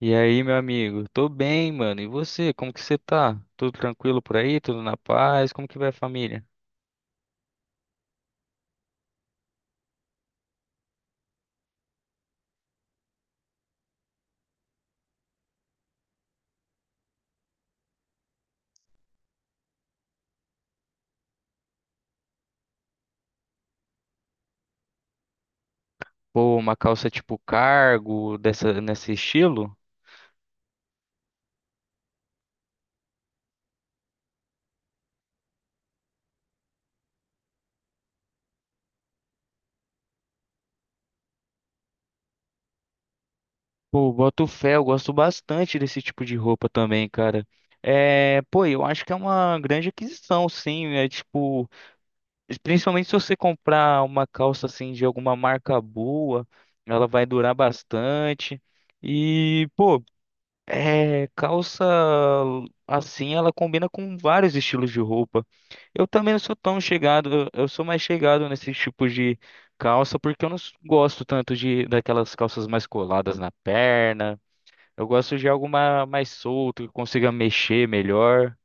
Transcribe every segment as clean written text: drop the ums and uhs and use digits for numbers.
E aí, meu amigo? Tô bem, mano. E você? Como que você tá? Tudo tranquilo por aí? Tudo na paz? Como que vai a família? Pô, uma calça tipo cargo, dessa, nesse estilo? Pô, boto fé, eu gosto bastante desse tipo de roupa também, cara. É, pô, eu acho que é uma grande aquisição, sim. É tipo, principalmente se você comprar uma calça assim de alguma marca boa, ela vai durar bastante. E, pô. É, calça assim, ela combina com vários estilos de roupa. Eu também não sou tão chegado, eu sou mais chegado nesses tipos de calça porque eu não s- gosto tanto de daquelas calças mais coladas na perna. Eu gosto de algo mais solto, que consiga mexer melhor.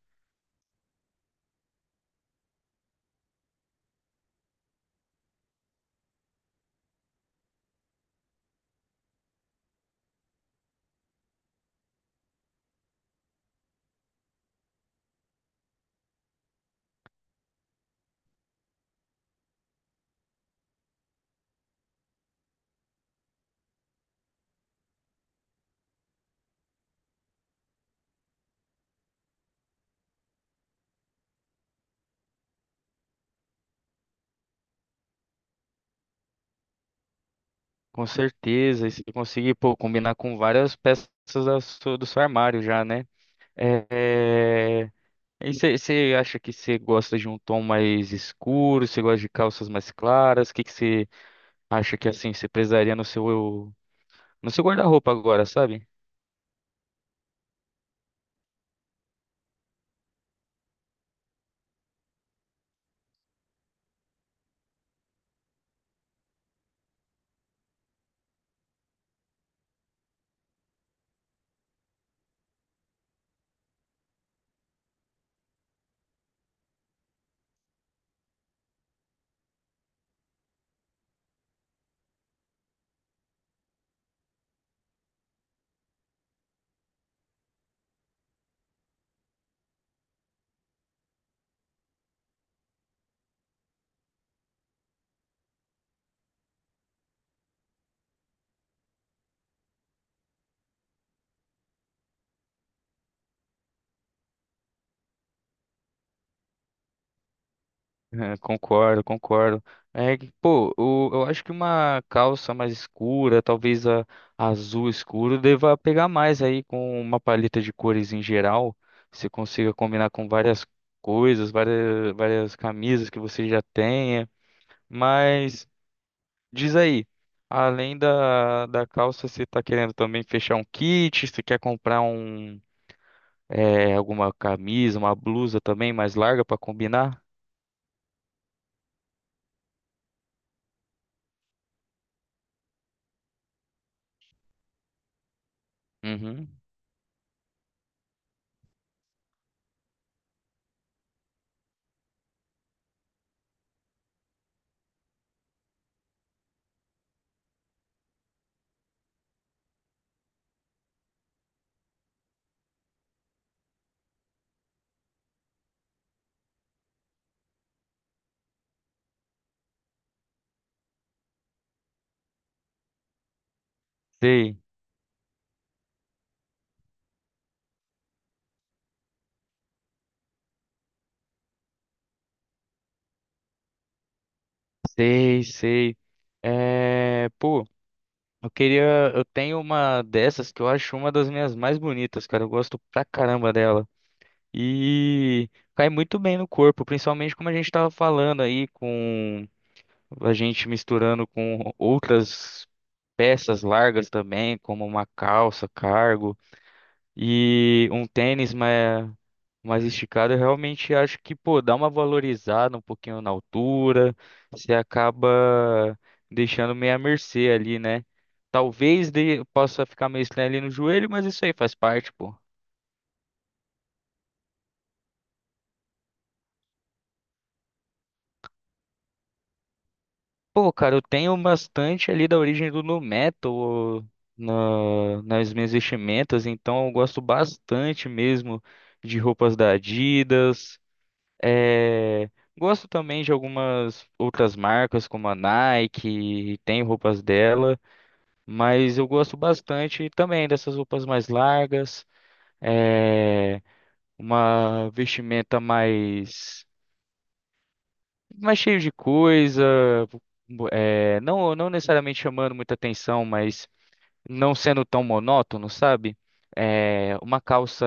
Com certeza, e se conseguir, pô, combinar com várias peças do seu armário já, né? É, é, E você acha que você gosta de um tom mais escuro? Você gosta de calças mais claras? O que que você acha que assim você precisaria no seu guarda-roupa agora, sabe? É, concordo, concordo. É que, pô, eu acho que uma calça mais escura, talvez a azul escuro, deva pegar mais aí com uma paleta de cores em geral. Você consiga combinar com várias coisas, várias camisas que você já tenha. Mas. Diz aí, além da calça, você tá querendo também fechar um kit? Você quer comprar um, é, alguma camisa, uma blusa também mais larga pra combinar? Uhum. Sei, sei, sei. É, pô, eu queria, eu tenho uma dessas que eu acho uma das minhas mais bonitas, cara. Eu gosto pra caramba dela. E cai muito bem no corpo, principalmente como a gente tava falando aí com a gente misturando com outras peças largas também, como uma calça, cargo e um tênis mais, mais esticado, eu realmente acho que, pô, dá uma valorizada um pouquinho na altura, você acaba deixando meio à mercê ali, né? Talvez de, possa ficar meio estranho ali no joelho, mas isso aí faz parte, pô. Pô, cara, eu tenho bastante ali da origem do nu metal nas minhas vestimentas, então eu gosto bastante mesmo de roupas da Adidas. eh, Gosto também de algumas outras marcas, como a Nike, tem roupas dela, mas eu gosto bastante também dessas roupas mais largas, eh, uma vestimenta mais. Mais cheio de coisa, é, não necessariamente chamando muita atenção, mas não sendo tão monótono, sabe? É, uma calça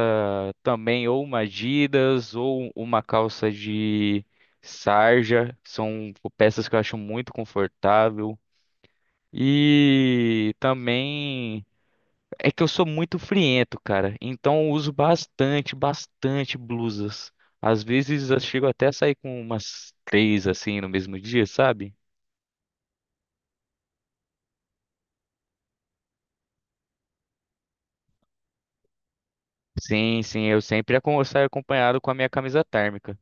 também, ou uma Adidas, ou uma calça de sarja, são peças que eu acho muito confortável. E também. É que eu sou muito friento, cara. Então eu uso bastante blusas. Às vezes eu chego até a sair com umas três assim no mesmo dia, sabe? Sim, sim, eu saio acompanhado com a minha camisa térmica.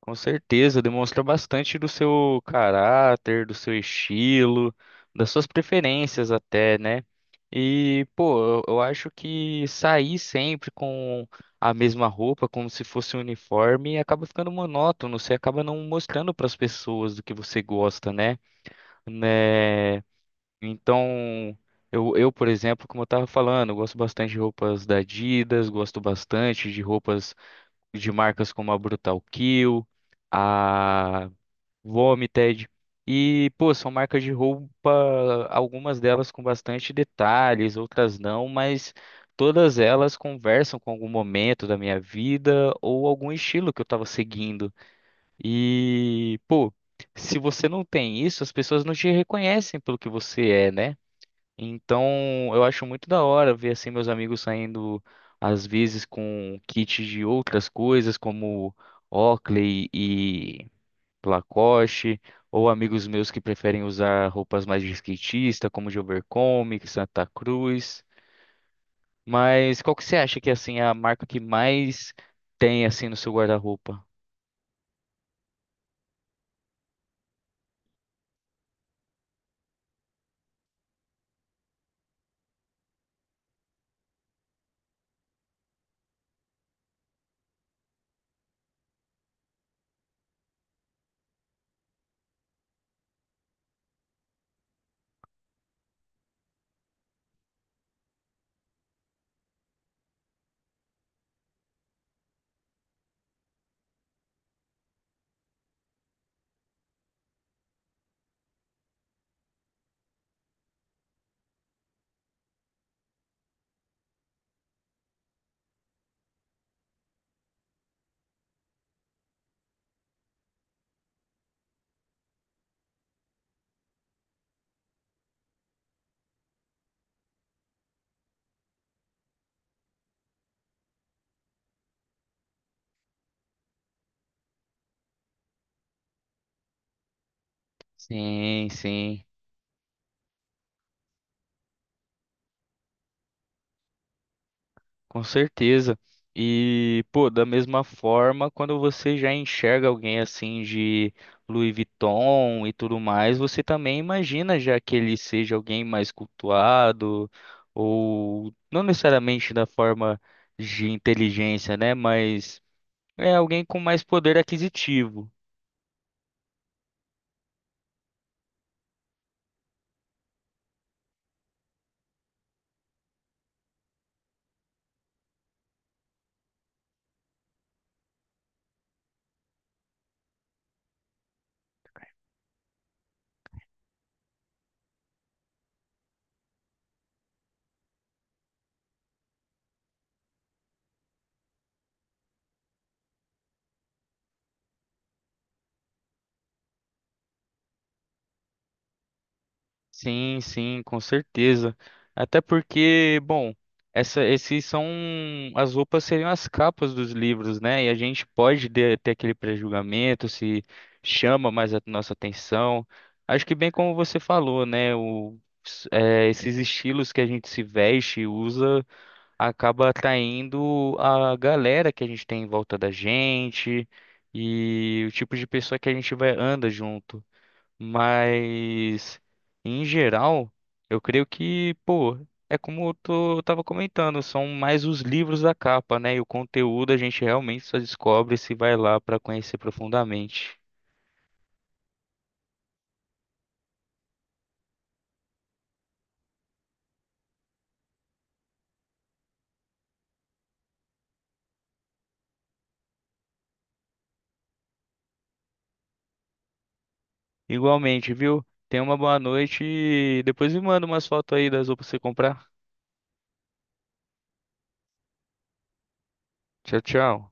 Com certeza, demonstra bastante do seu caráter, do seu estilo, das suas preferências até, né? E, pô, eu acho que sair sempre com a mesma roupa, como se fosse um uniforme, acaba ficando monótono, você acaba não mostrando para as pessoas do que você gosta, né? Né? Então, eu, por exemplo, como eu tava falando, eu gosto bastante de roupas da Adidas, gosto bastante de roupas de marcas como a Brutal Kill, a Vomited. E, pô, são marcas de roupa, algumas delas com bastante detalhes, outras não, mas todas elas conversam com algum momento da minha vida ou algum estilo que eu estava seguindo. E, pô, se você não tem isso, as pessoas não te reconhecem pelo que você é, né? Então, eu acho muito da hora ver assim meus amigos saindo às vezes com kits de outras coisas, como Oakley e Lacoste, ou amigos meus que preferem usar roupas mais de skatista, como de Overcomic, Santa Cruz. Mas qual que você acha que assim é a marca que mais tem assim no seu guarda-roupa? Sim, sim. Com certeza. E, pô, da mesma forma, quando você já enxerga alguém assim de Louis Vuitton e tudo mais, você também imagina já que ele seja alguém mais cultuado, ou não necessariamente da forma de inteligência, né? Mas é alguém com mais poder aquisitivo. Sim, sim, com certeza. Até porque, bom, esses são as roupas seriam as capas dos livros, né? E a gente ter aquele pré-julgamento se chama mais a nossa atenção. Acho que bem como você falou, né? Esses estilos que a gente se veste e usa acaba atraindo a galera que a gente tem em volta da gente e o tipo de pessoa que a gente vai anda junto. Mas, em geral, eu creio que, pô, é como eu tava comentando, são mais os livros da capa, né? E o conteúdo a gente realmente só descobre se vai lá pra conhecer profundamente. Igualmente, viu? Tenha uma boa noite e depois me manda umas fotos aí das roupas pra você comprar. Tchau, tchau.